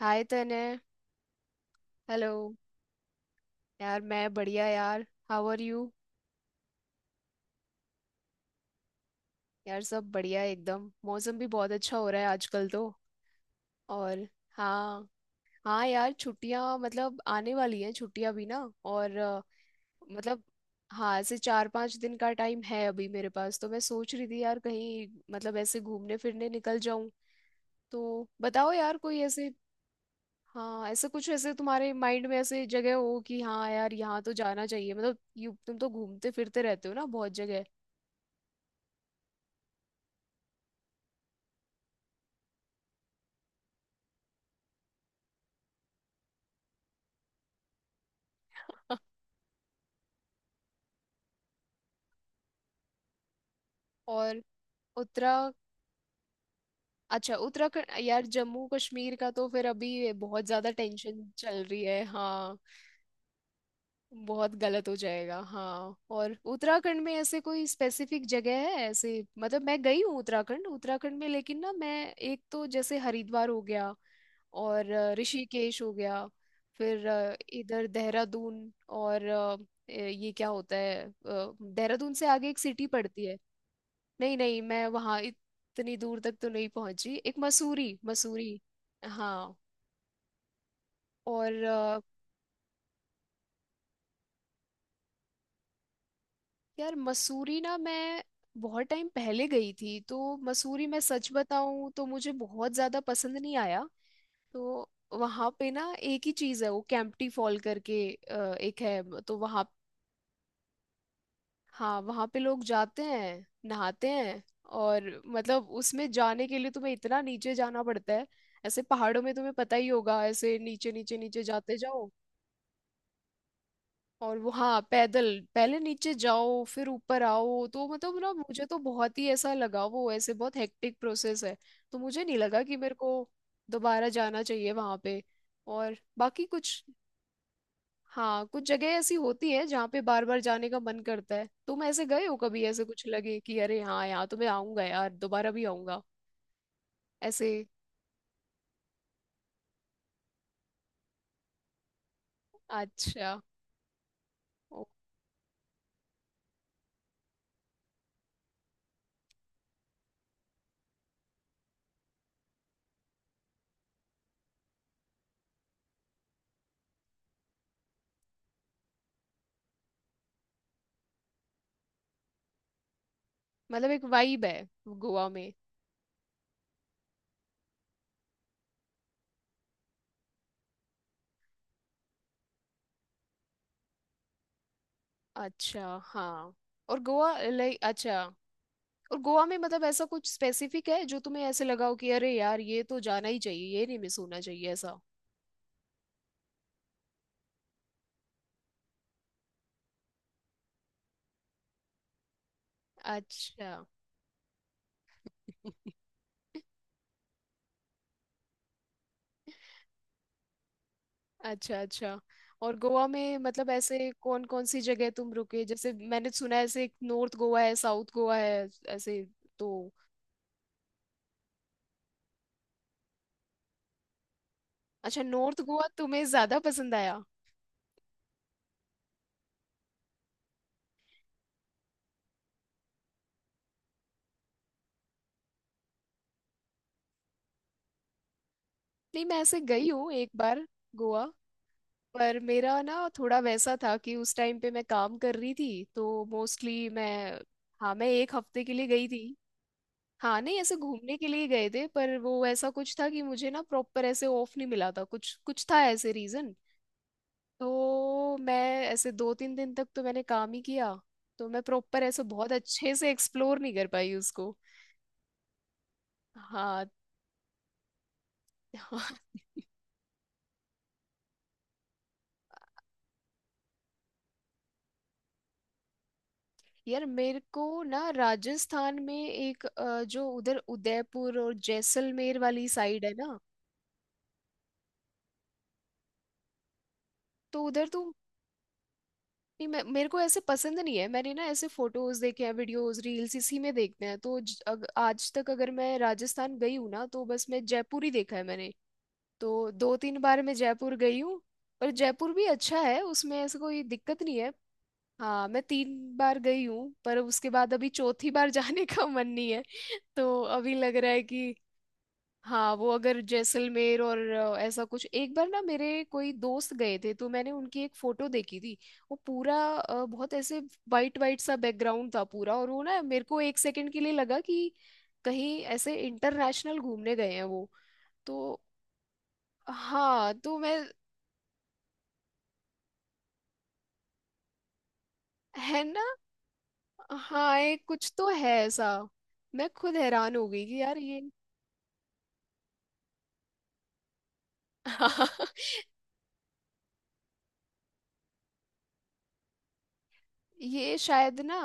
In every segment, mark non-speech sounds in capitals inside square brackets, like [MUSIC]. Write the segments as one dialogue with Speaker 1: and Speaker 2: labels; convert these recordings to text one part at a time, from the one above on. Speaker 1: हाय तने। हेलो। यार मैं बढ़िया। यार हाउ आर यू? यार सब बढ़िया एकदम। मौसम भी बहुत अच्छा हो रहा है आजकल तो। और हाँ, हाँ यार छुट्टियां मतलब आने वाली हैं छुट्टियां भी ना। और मतलब हाँ ऐसे 4-5 दिन का टाइम है अभी मेरे पास, तो मैं सोच रही थी यार कहीं मतलब ऐसे घूमने फिरने निकल जाऊं। तो बताओ यार कोई ऐसे, हाँ, ऐसा कुछ ऐसे तुम्हारे माइंड में ऐसे जगह हो कि हाँ यार यहाँ तो जाना चाहिए। मतलब यू तुम तो घूमते फिरते रहते हो ना बहुत जगह। और उत्तरा अच्छा उत्तराखंड। यार जम्मू कश्मीर का तो फिर अभी बहुत ज्यादा टेंशन चल रही है हाँ। बहुत गलत हो जाएगा हाँ। और उत्तराखंड में ऐसे कोई स्पेसिफिक जगह है ऐसे? मतलब मैं गई हूँ उत्तराखंड उत्तराखंड में, लेकिन ना मैं एक तो जैसे हरिद्वार हो गया। और ऋषिकेश हो गया। फिर इधर देहरादून और ये क्या होता है, देहरादून से आगे एक सिटी पड़ती है। नहीं नहीं, मैं वहाँ इतनी दूर तक तो नहीं पहुंची। एक मसूरी, मसूरी हाँ। और यार मसूरी ना मैं बहुत टाइम पहले गई थी, तो मसूरी मैं सच बताऊं तो मुझे बहुत ज्यादा पसंद नहीं आया। तो वहाँ पे ना एक ही चीज है, वो कैंपटी फॉल करके एक है तो वहाँ। हाँ वहाँ पे लोग जाते हैं नहाते हैं। और मतलब उसमें जाने के लिए तुम्हें इतना नीचे जाना पड़ता है। ऐसे पहाड़ों में तुम्हें पता ही होगा ऐसे नीचे नीचे नीचे जाते जाओ। और वो हाँ पैदल, पहले नीचे जाओ फिर ऊपर आओ, तो मतलब ना मुझे तो बहुत ही ऐसा लगा वो ऐसे बहुत हेक्टिक प्रोसेस है। तो मुझे नहीं लगा कि मेरे को दोबारा जाना चाहिए वहां पे। और बाकी कुछ? हाँ कुछ जगह ऐसी होती है जहाँ पे बार बार जाने का मन करता है। तुम ऐसे गए हो कभी ऐसे कुछ लगे कि अरे हाँ यहाँ तो मैं आऊंगा यार दोबारा भी आऊंगा ऐसे? अच्छा। ओ, मतलब एक वाइब है गोवा में। अच्छा हाँ। और गोवा लाइक अच्छा। और गोवा में मतलब ऐसा कुछ स्पेसिफिक है जो तुम्हें ऐसे लगा हो कि अरे यार ये तो जाना ही चाहिए, ये नहीं मिस होना चाहिए ऐसा? अच्छा अच्छा। अच्छा और गोवा में मतलब ऐसे कौन कौन सी जगह तुम रुके? जैसे मैंने सुना है ऐसे नॉर्थ गोवा है साउथ गोवा है ऐसे, तो? अच्छा नॉर्थ गोवा तुम्हें ज्यादा पसंद आया। नहीं मैं ऐसे गई हूँ एक बार गोवा। पर मेरा ना थोड़ा वैसा था कि उस टाइम पे मैं काम कर रही थी, तो मोस्टली मैं। हाँ मैं एक हफ्ते के लिए गई थी। हाँ नहीं ऐसे घूमने के लिए गए थे, पर वो ऐसा कुछ था कि मुझे ना प्रॉपर ऐसे ऑफ नहीं मिला था, कुछ कुछ था ऐसे रीजन। तो मैं ऐसे 2-3 दिन तक तो मैंने काम ही किया, तो मैं प्रॉपर ऐसे बहुत अच्छे से एक्सप्लोर नहीं कर पाई उसको। हाँ [LAUGHS] हाँ। यार मेरे को ना राजस्थान में एक जो उधर उदयपुर और जैसलमेर वाली साइड है ना तो उधर तो। नहीं मैं मेरे को ऐसे पसंद नहीं है, मैंने ना ऐसे फोटोज देखे हैं वीडियोस रील्स इसी में देखते हैं। तो आज तक अगर मैं राजस्थान गई हूँ ना तो बस मैं जयपुर ही देखा है मैंने। तो 2-3 बार मैं जयपुर गई हूँ। पर जयपुर भी अच्छा है, उसमें ऐसे कोई दिक्कत नहीं है। हाँ मैं 3 बार गई हूँ, पर उसके बाद अभी चौथी बार [LAUGHS] जाने का मन नहीं है। [LAUGHS] तो अभी लग रहा है कि। हाँ वो अगर जैसलमेर और ऐसा कुछ। एक बार ना मेरे कोई दोस्त गए थे, तो मैंने उनकी एक फोटो देखी थी। वो पूरा बहुत ऐसे वाइट वाइट सा बैकग्राउंड था पूरा, और वो ना मेरे को एक सेकंड के लिए लगा कि कहीं ऐसे इंटरनेशनल घूमने गए हैं वो। तो हाँ तो मैं है ना। हाँ एक कुछ तो है ऐसा। मैं खुद हैरान हो गई कि यार ये [LAUGHS] ये शायद ना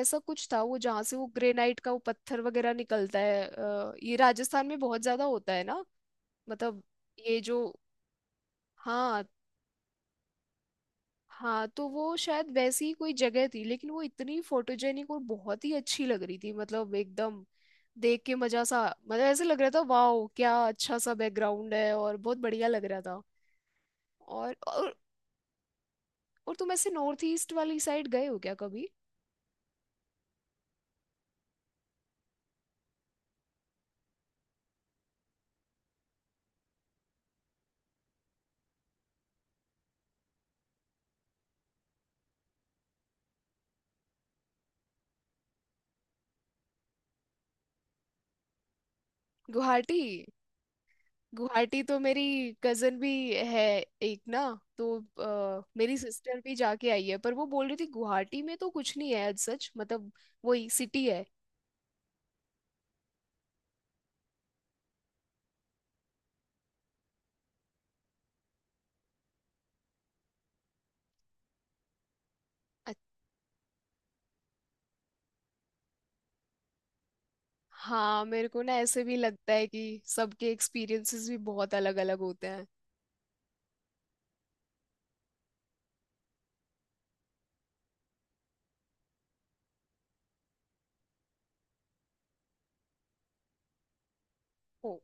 Speaker 1: ऐसा कुछ था वो जहाँ से वो ग्रेनाइट का वो पत्थर वगैरह निकलता है, ये राजस्थान में बहुत ज्यादा होता है ना। मतलब ये जो, हाँ हाँ, तो वो शायद वैसी ही कोई जगह थी, लेकिन वो इतनी फोटोजेनिक और बहुत ही अच्छी लग रही थी मतलब एकदम, देख के मजा सा। मतलब ऐसे लग रहा था वाओ क्या अच्छा सा बैकग्राउंड है और बहुत बढ़िया लग रहा था। और और, और तुम ऐसे नॉर्थ ईस्ट वाली साइड गए हो क्या कभी? गुवाहाटी? गुवाहाटी तो मेरी कजन भी है एक ना। तो मेरी सिस्टर भी जाके आई है, पर वो बोल रही थी गुवाहाटी में तो कुछ नहीं है as सच मतलब। वही सिटी है अ- हाँ मेरे को ना ऐसे भी लगता है कि सबके एक्सपीरियंसेस भी बहुत अलग अलग होते हैं।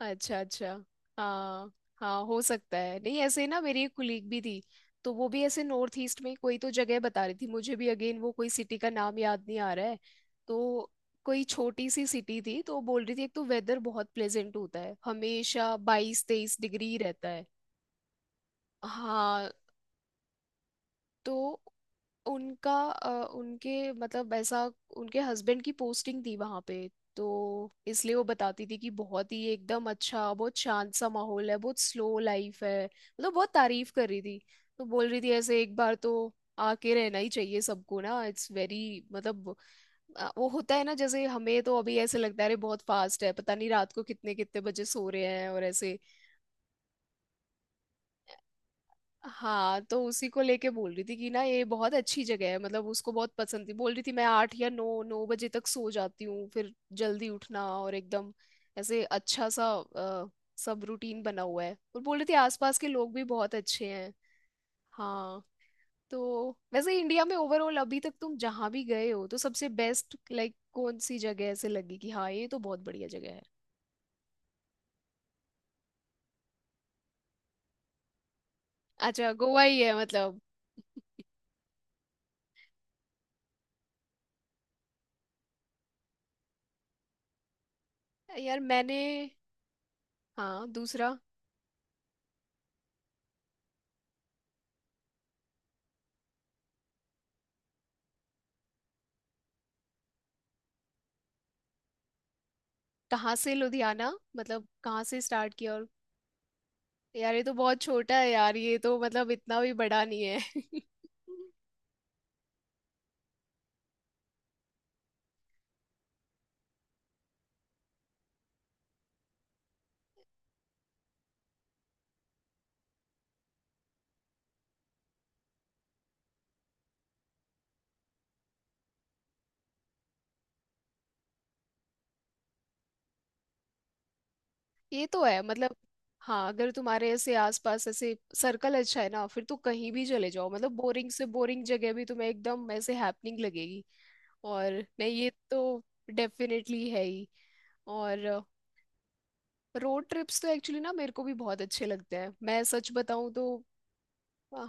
Speaker 1: अच्छा अच्छा। हाँ हाँ, हो सकता है। नहीं ऐसे ही ना मेरी एक कुलीग भी थी, तो वो भी ऐसे नॉर्थ ईस्ट में कोई तो जगह बता रही थी मुझे भी, अगेन वो कोई सिटी का नाम याद नहीं आ रहा है। तो कोई छोटी सी सिटी थी। तो वो बोल रही थी एक तो वेदर बहुत प्लेजेंट होता है हमेशा 22-23 डिग्री रहता है। हाँ तो उनका उनके मतलब ऐसा उनके हस्बैंड की पोस्टिंग थी वहां पे। तो इसलिए वो बताती थी कि बहुत ही एकदम अच्छा बहुत शांत सा माहौल है, बहुत स्लो लाइफ है, मतलब बहुत तारीफ कर रही थी। तो बोल रही थी ऐसे एक बार तो आके रहना ही चाहिए सबको ना इट्स वेरी, मतलब वो होता है ना जैसे हमें तो अभी ऐसे लगता है अरे बहुत फास्ट है पता नहीं रात को कितने कितने बजे सो रहे हैं और ऐसे। हाँ तो उसी को लेके बोल रही थी कि ना ये बहुत अच्छी जगह है, मतलब उसको बहुत पसंद थी। बोल रही थी मैं 8 या 9, 9 बजे तक सो जाती हूँ, फिर जल्दी उठना और एकदम ऐसे अच्छा सा अ, सब रूटीन बना हुआ है, और बोल रही थी आसपास के लोग भी बहुत अच्छे हैं। हाँ तो वैसे इंडिया में ओवरऑल अभी तक तुम जहाँ भी गए हो तो सबसे बेस्ट लाइक कौन सी जगह ऐसे लगी कि हाँ ये तो बहुत बढ़िया जगह है? अच्छा गोवा ही है मतलब। यार मैंने, हाँ दूसरा, कहाँ से लुधियाना मतलब? कहाँ से स्टार्ट किया और? यार ये तो बहुत छोटा है यार, ये तो मतलब इतना भी बड़ा नहीं है। [LAUGHS] ये तो है मतलब। हाँ अगर तुम्हारे ऐसे आसपास ऐसे सर्कल अच्छा है ना, फिर तो कहीं भी चले जाओ, मतलब बोरिंग से बोरिंग जगह भी तुम्हें एकदम ऐसे हैपनिंग लगेगी। और नहीं ये तो डेफिनेटली है ही। और रोड ट्रिप्स तो एक्चुअली ना मेरे को भी बहुत अच्छे लगते हैं मैं सच बताऊं तो।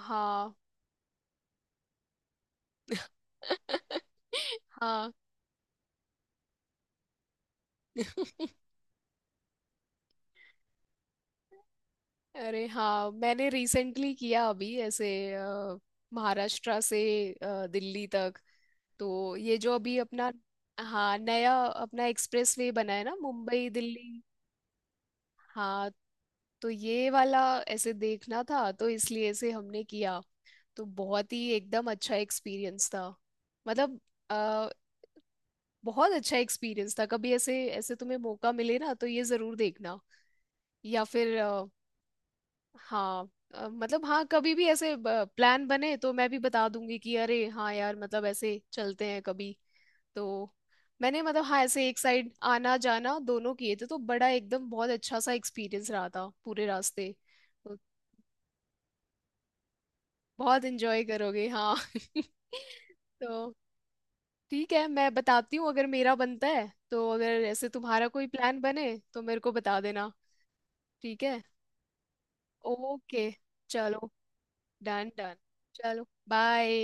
Speaker 1: हाँ [LAUGHS] हाँ [LAUGHS] अरे हाँ मैंने रिसेंटली किया अभी ऐसे अ, महाराष्ट्र से दिल्ली तक। तो ये जो अभी अपना, हाँ नया अपना एक्सप्रेसवे बना है ना मुंबई दिल्ली। हाँ तो ये वाला ऐसे देखना था, तो इसलिए ऐसे हमने किया। तो बहुत ही एकदम अच्छा एक्सपीरियंस था मतलब अ, बहुत अच्छा एक्सपीरियंस था। कभी ऐसे ऐसे तुम्हें मौका मिले ना तो ये जरूर देखना। या फिर हाँ, मतलब हाँ कभी भी ऐसे प्लान बने तो मैं भी बता दूंगी कि अरे हाँ यार मतलब ऐसे चलते हैं कभी। तो मैंने मतलब हाँ ऐसे एक साइड आना जाना दोनों किए थे, तो बड़ा एकदम बहुत अच्छा सा एक्सपीरियंस रहा था पूरे रास्ते। तो बहुत एंजॉय करोगे हाँ [LAUGHS] तो ठीक है मैं बताती हूँ अगर मेरा बनता है, तो अगर ऐसे तुम्हारा कोई प्लान बने तो मेरे को बता देना। ठीक है। ओके चलो। Done done. चलो बाय।